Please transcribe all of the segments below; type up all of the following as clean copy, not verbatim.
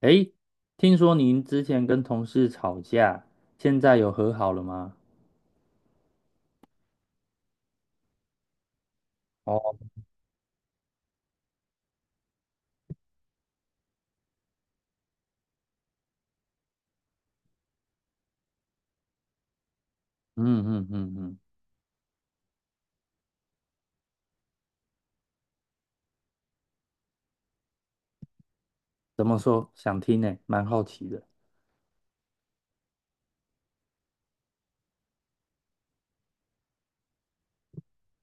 诶，听说您之前跟同事吵架，现在有和好了吗？哦，嗯嗯嗯嗯，怎么说？想听呢，蛮好奇的。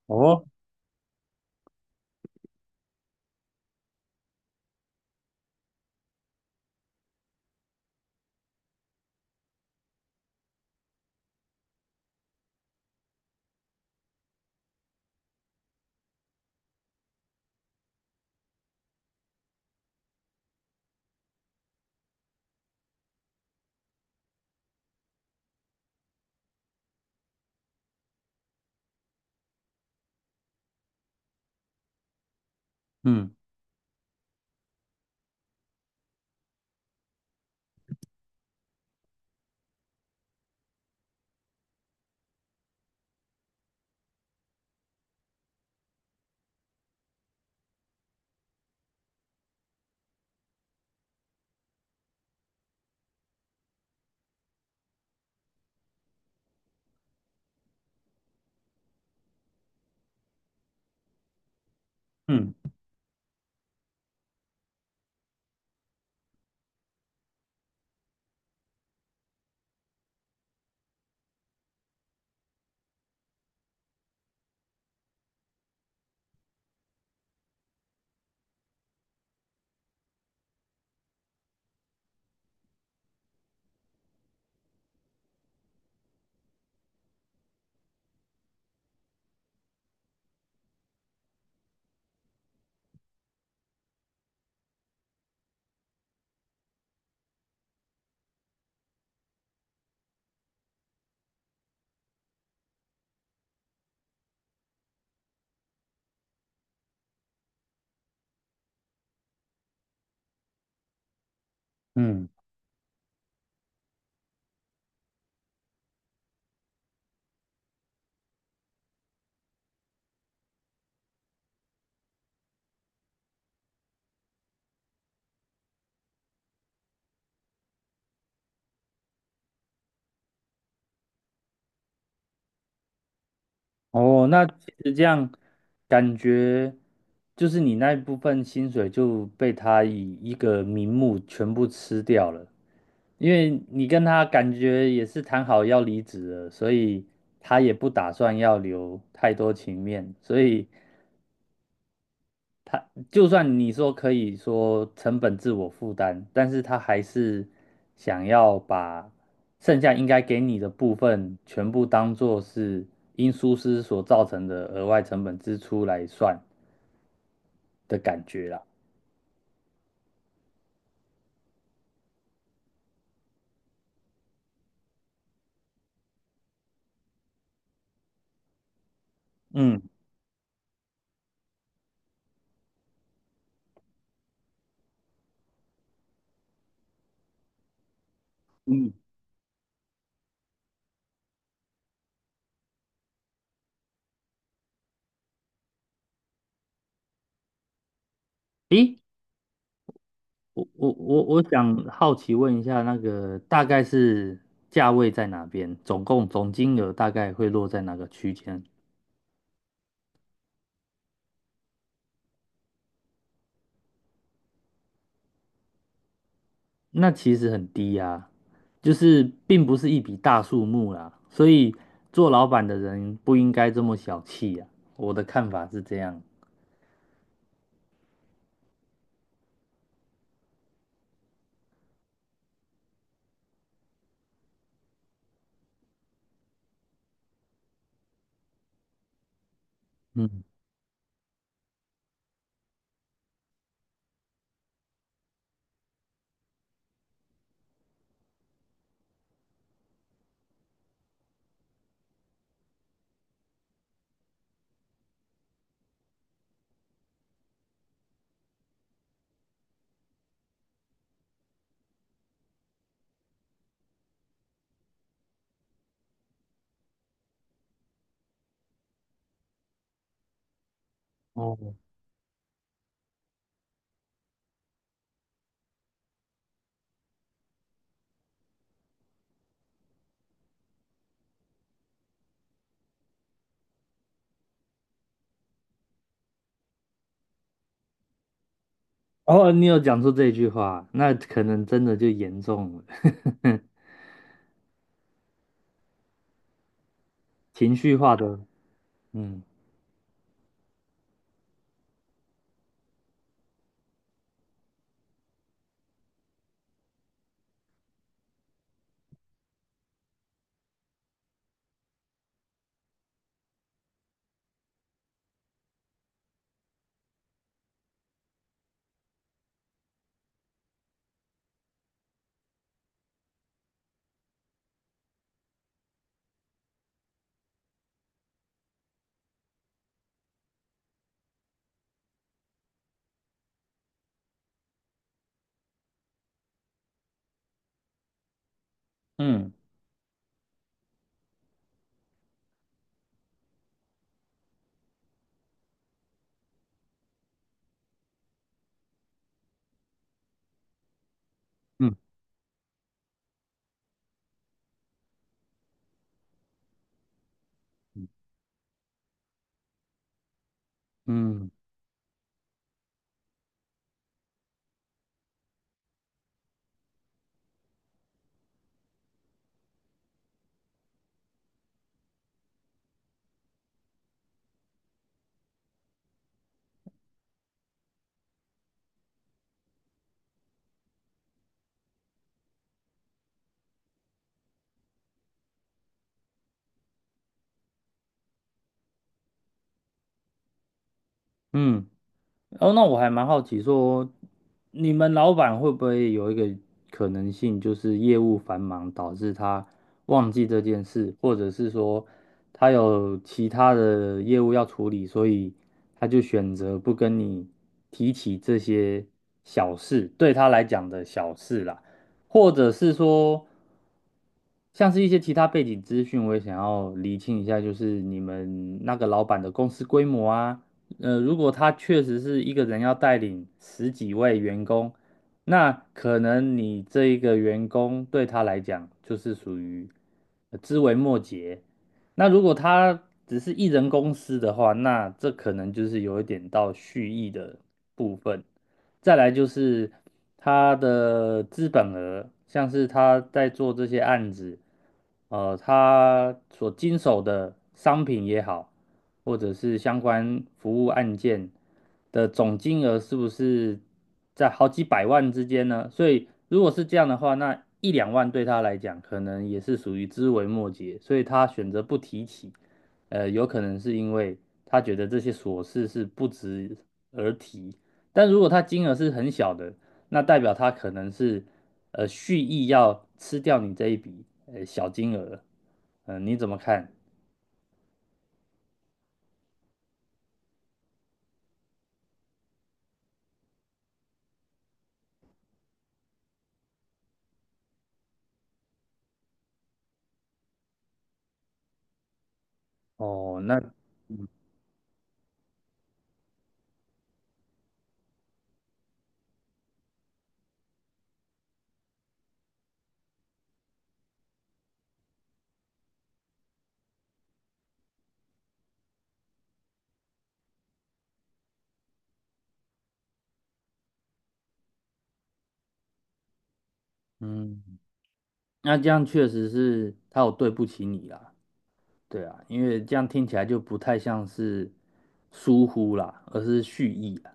哦，嗯嗯嗯，哦，那其实这样感觉就是你那一部分薪水就被他以一个名目全部吃掉了，因为你跟他感觉也是谈好要离职了，所以他也不打算要留太多情面，所以。就算你说可以说成本自我负担，但是他还是想要把剩下应该给你的部分全部当做是因疏失所造成的额外成本支出来算的感觉啦。嗯嗯，咦，我想好奇问一下，那个大概是价位在哪边？总共总金额大概会落在哪个区间？那其实很低呀、就是并不是一笔大数目啦，所以做老板的人不应该这么小气呀、我的看法是这样。嗯，哦，哦，你有讲出这句话，那可能真的就严重了，情绪化的，嗯嗯嗯嗯嗯。哦，那我还蛮好奇说，你们老板会不会有一个可能性，就是业务繁忙导致他忘记这件事，或者是说他有其他的业务要处理，所以他就选择不跟你提起这些小事，对他来讲的小事啦，或者是说，像是一些其他背景资讯，我也想要厘清一下，就是你们那个老板的公司规模啊。如果他确实是一个人要带领十几位员工，那可能你这一个员工对他来讲就是属于枝微末节。那如果他只是一人公司的话，那这可能就是有一点到蓄意的部分。再来就是他的资本额，像是他在做这些案子，他所经手的商品也好。或者是相关服务案件的总金额是不是在好几百万之间呢？所以如果是这样的话，那一两万对他来讲可能也是属于枝微末节，所以他选择不提起。有可能是因为他觉得这些琐事是不值而提。但如果他金额是很小的，那代表他可能是蓄意要吃掉你这一笔小金额。嗯、你怎么看？哦，那嗯。那这样确实是他有对不起你啦，对啊，因为这样听起来就不太像是疏忽啦，而是蓄意啦，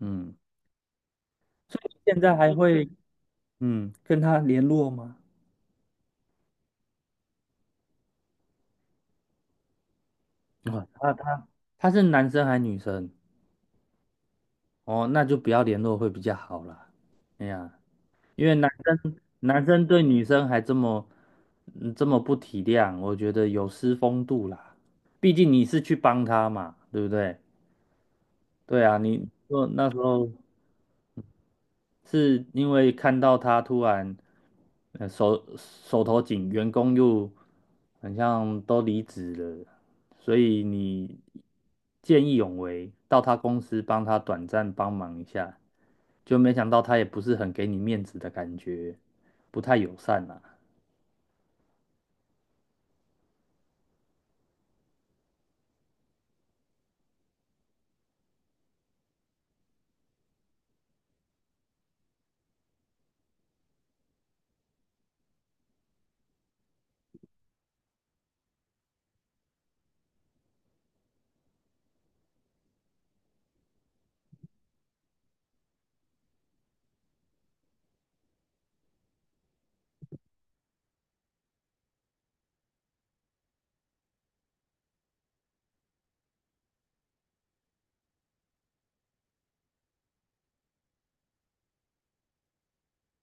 嗯，所以你现在还会跟他联络吗？啊，他他是男生还是女生？哦，那就不要联络会比较好啦。哎呀，因为男生对女生还这么这么不体谅，我觉得有失风度啦。毕竟你是去帮他嘛，对不对？对啊，你说那时候。是因为看到他突然，手头紧，员工又很像都离职了，所以你见义勇为，到他公司帮他短暂帮忙一下，就没想到他也不是很给你面子的感觉，不太友善啦。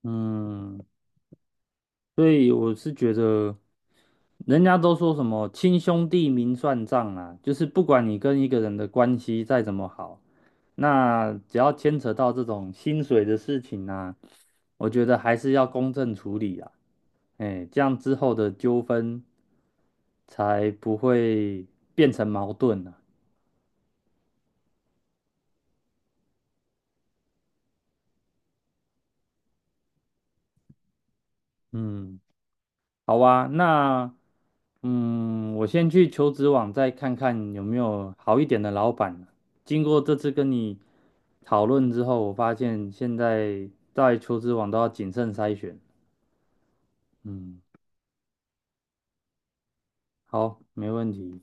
嗯，所以我是觉得，人家都说什么亲兄弟明算账啊，就是不管你跟一个人的关系再怎么好，那只要牵扯到这种薪水的事情啊，我觉得还是要公正处理啊，哎，这样之后的纠纷才不会变成矛盾啊。嗯，好啊，那。嗯，我先去求职网再看看有没有好一点的老板。经过这次跟你讨论之后，我发现现在在求职网都要谨慎筛选。嗯，好，没问题。